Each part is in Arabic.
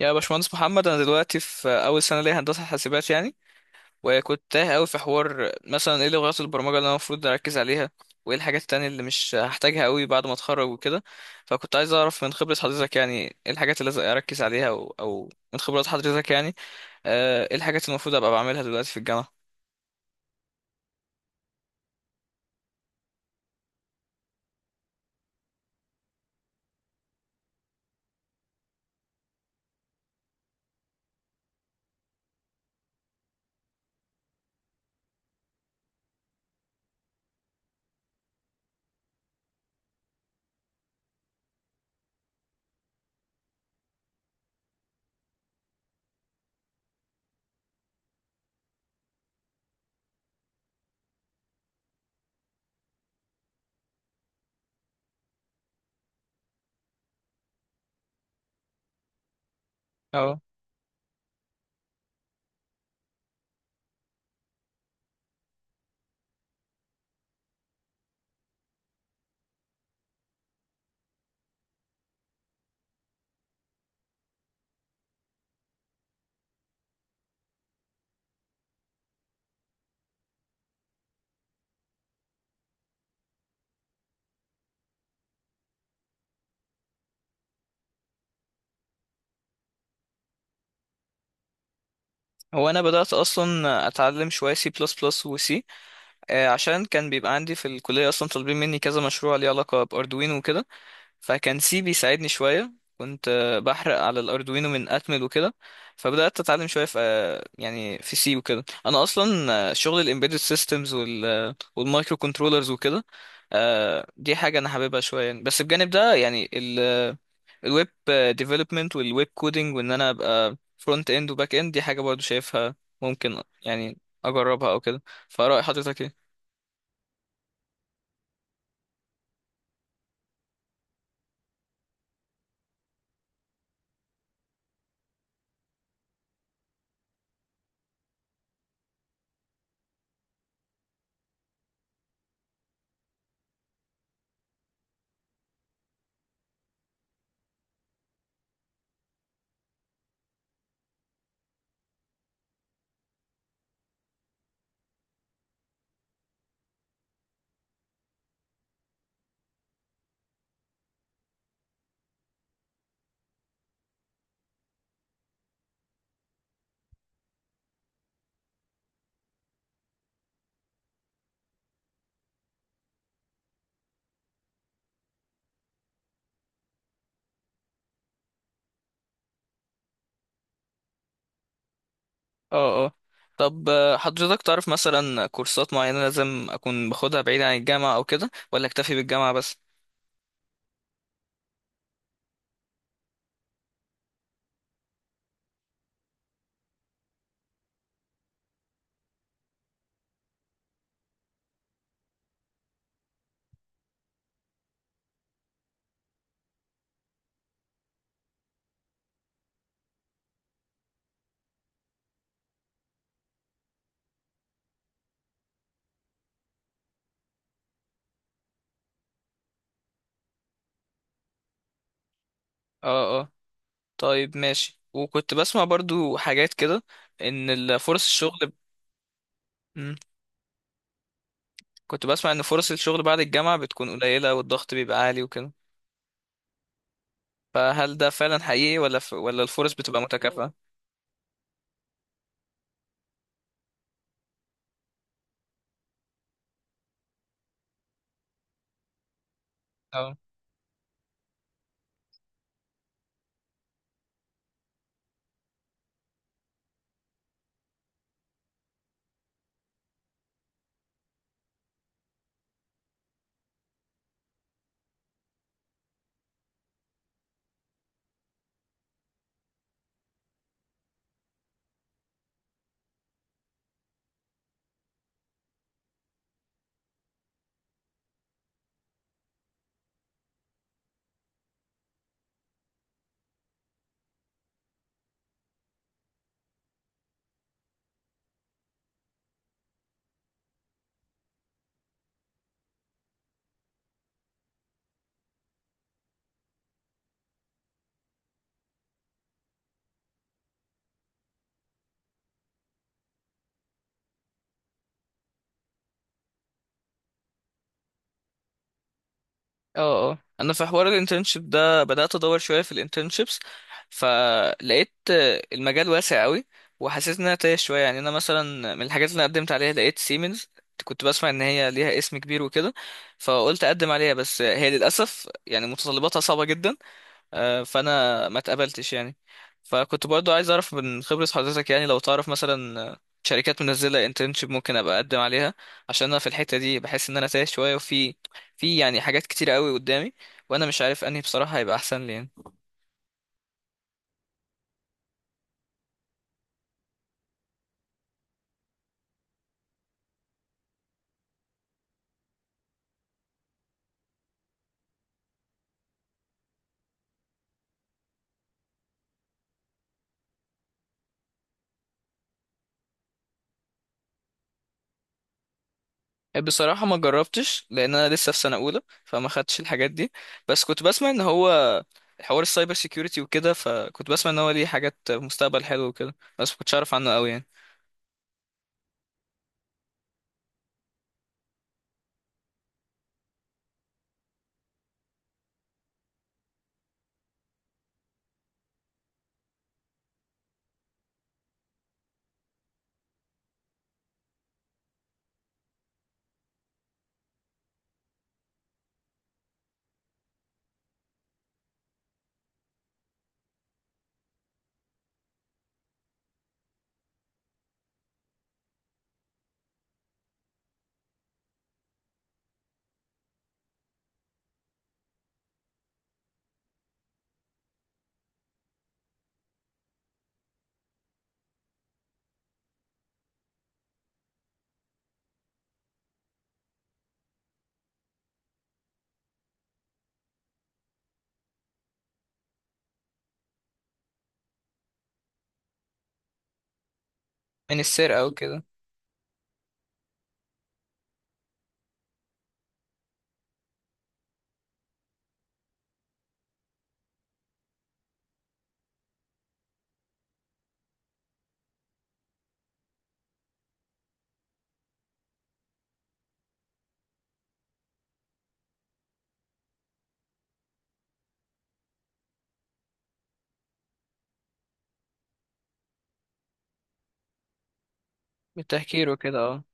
يا باشمهندس محمد، انا دلوقتي في اول سنه ليا هندسه حاسبات يعني. وكنت تايه قوي في حوار مثلا ايه لغات البرمجه اللي انا المفروض اركز عليها، وايه الحاجات التانية اللي مش هحتاجها قوي بعد ما اتخرج وكده. فكنت عايز اعرف من خبره حضرتك يعني ايه الحاجات اللي لازم اركز عليها أو من خبرات حضرتك يعني. ايه الحاجات اللي المفروض ابقى بعملها دلوقتي في الجامعه. اه. هو انا بدات اصلا اتعلم شويه سي بلس بلس وسي، عشان كان بيبقى عندي في الكليه اصلا طالبين مني كذا مشروع ليه علاقه باردوينو وكده. فكان سي بيساعدني شوية، كنت بحرق على الاردوينو من اتمل وكده. فبدات اتعلم شويه في يعني في سي وكده. انا اصلا شغل الامبيدد سيستمز وال والمايكرو كنترولرز وكده. دي حاجه انا حاببها شويه يعني. بس بجانب ده يعني الويب ديفلوبمنت والويب كودينج، وان انا ابقى فرونت اند وباك اند. دي حاجه برضو شايفها ممكن يعني اجربها او كده. فراي حضرتك ايه؟ اه، اه. طب حضرتك تعرف مثلا كورسات معينة لازم أكون باخدها بعيد عن الجامعة أو كده، ولا أكتفي بالجامعة بس؟ اه، اه. طيب ماشي، وكنت بسمع برضو حاجات كده، إن فرص الشغل. مم. كنت بسمع إن فرص الشغل بعد الجامعة بتكون قليلة، والضغط بيبقى عالي وكده. فهل ده فعلا حقيقي، ولا الفرص بتبقى متكافئة؟ اه، اه. انا في حوار الانترنشيب ده بدأت ادور شوية في الانترنشيبس. فلقيت المجال واسع قوي، وحسيت ان انا تايه شوية يعني. انا مثلا من الحاجات اللي أنا قدمت عليها لقيت سيمنز، كنت بسمع ان هي ليها اسم كبير وكده، فقلت اقدم عليها. بس هي للاسف يعني متطلباتها صعبة جدا، فانا ما اتقبلتش يعني. فكنت برضو عايز اعرف من خبرة حضرتك يعني، لو تعرف مثلا شركات منزلة انترنشيب ممكن ابقى اقدم عليها. عشان انا في الحتة دي بحس ان انا تايه شوية، وفي يعني حاجات كتير قوي قدامي، وانا مش عارف انهي بصراحة هيبقى احسن لي يعني. بصراحة ما جربتش، لان انا لسه في سنة اولى فما خدتش الحاجات دي. بس كنت بسمع ان هو حوار السايبر سيكيورتي وكده، فكنت بسمع ان هو ليه حاجات مستقبل حلو وكده، بس ما كنتش اعرف عنه قوي يعني. من السرقة وكده. من التهكير وكده. اه.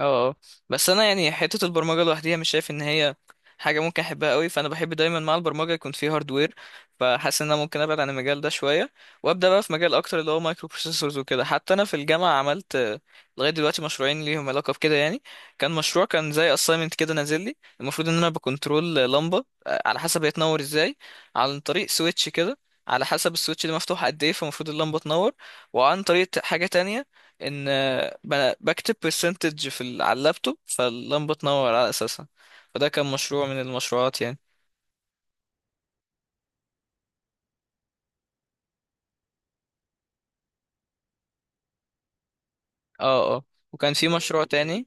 اه. اه. بس انا يعني حته البرمجه لوحديها مش شايف ان هي حاجه ممكن احبها قوي، فانا بحب دايما مع البرمجه يكون في هاردوير. فحاسس ان انا ممكن ابعد عن المجال ده شويه، وابدا بقى في مجال اكتر اللي هو مايكرو بروسيسورز وكده. حتى انا في الجامعه عملت لغايه دلوقتي مشروعين ليهم علاقه بكده يعني. كان مشروع، كان زي اساينمنت كده نازل لي، المفروض ان انا بكنترول لمبه على حسب هي تنور ازاي عن طريق سويتش كده، على حسب السويتش ده مفتوح قد ايه فالمفروض اللمبه تنور. وعن طريق حاجه تانية، ان بكتب برسنتج في على اللابتوب، فاللمبه تنور على اساسها. فده كان مشروع من المشروعات يعني. اه، اه. وكان في مشروع تاني.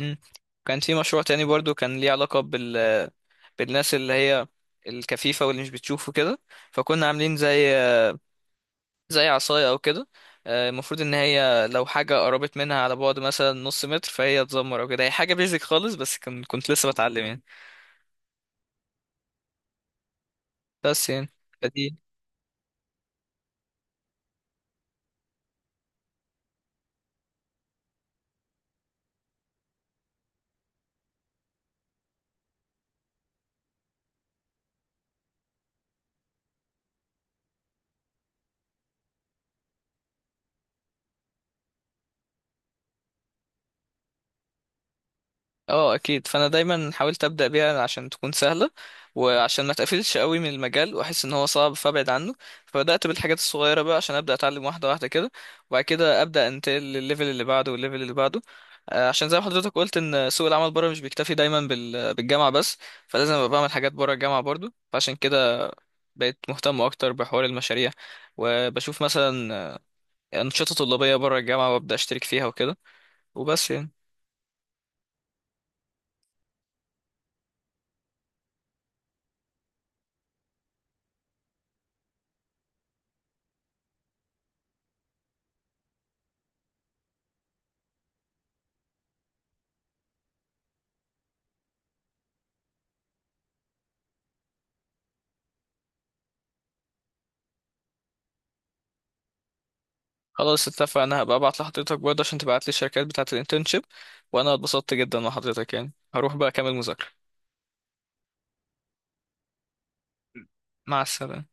مم. كان في مشروع تاني برضو، كان ليه علاقه بالناس اللي هي الكفيفه واللي مش بتشوف وكده. فكنا عاملين زي عصايه او كده، المفروض ان هي لو حاجه قربت منها على بعد مثلا نص متر فهي تزمر او كده. هي حاجه بيزك خالص، بس كنت لسه بتعلم يعني. بس يعني فدي. اه اكيد، فانا دايما حاولت ابدا بيها عشان تكون سهله، وعشان ما تقفلش قوي من المجال واحس ان هو صعب فابعد عنه. فبدات بالحاجات الصغيره بقى عشان ابدا اتعلم واحده واحده كده، وبعد كده ابدا انتقل للليفل اللي بعده والليفل اللي بعده. عشان زي ما حضرتك قلت ان سوق العمل بره مش بيكتفي دايما بالجامعه بس، فلازم ابقى بعمل حاجات بره الجامعه برضو. فعشان كده بقيت مهتم اكتر بحوار المشاريع، وبشوف مثلا انشطه طلابيه بره الجامعه وابدا اشترك فيها وكده. وبس يعني. خلاص اتفقنا، هبقى ابعت لحضرتك برضه عشان تبعت لي الشركات بتاعة الانترنشيب. وانا اتبسطت جدا مع حضرتك يعني، هروح بقى اكمل مذاكرة. مع السلامة.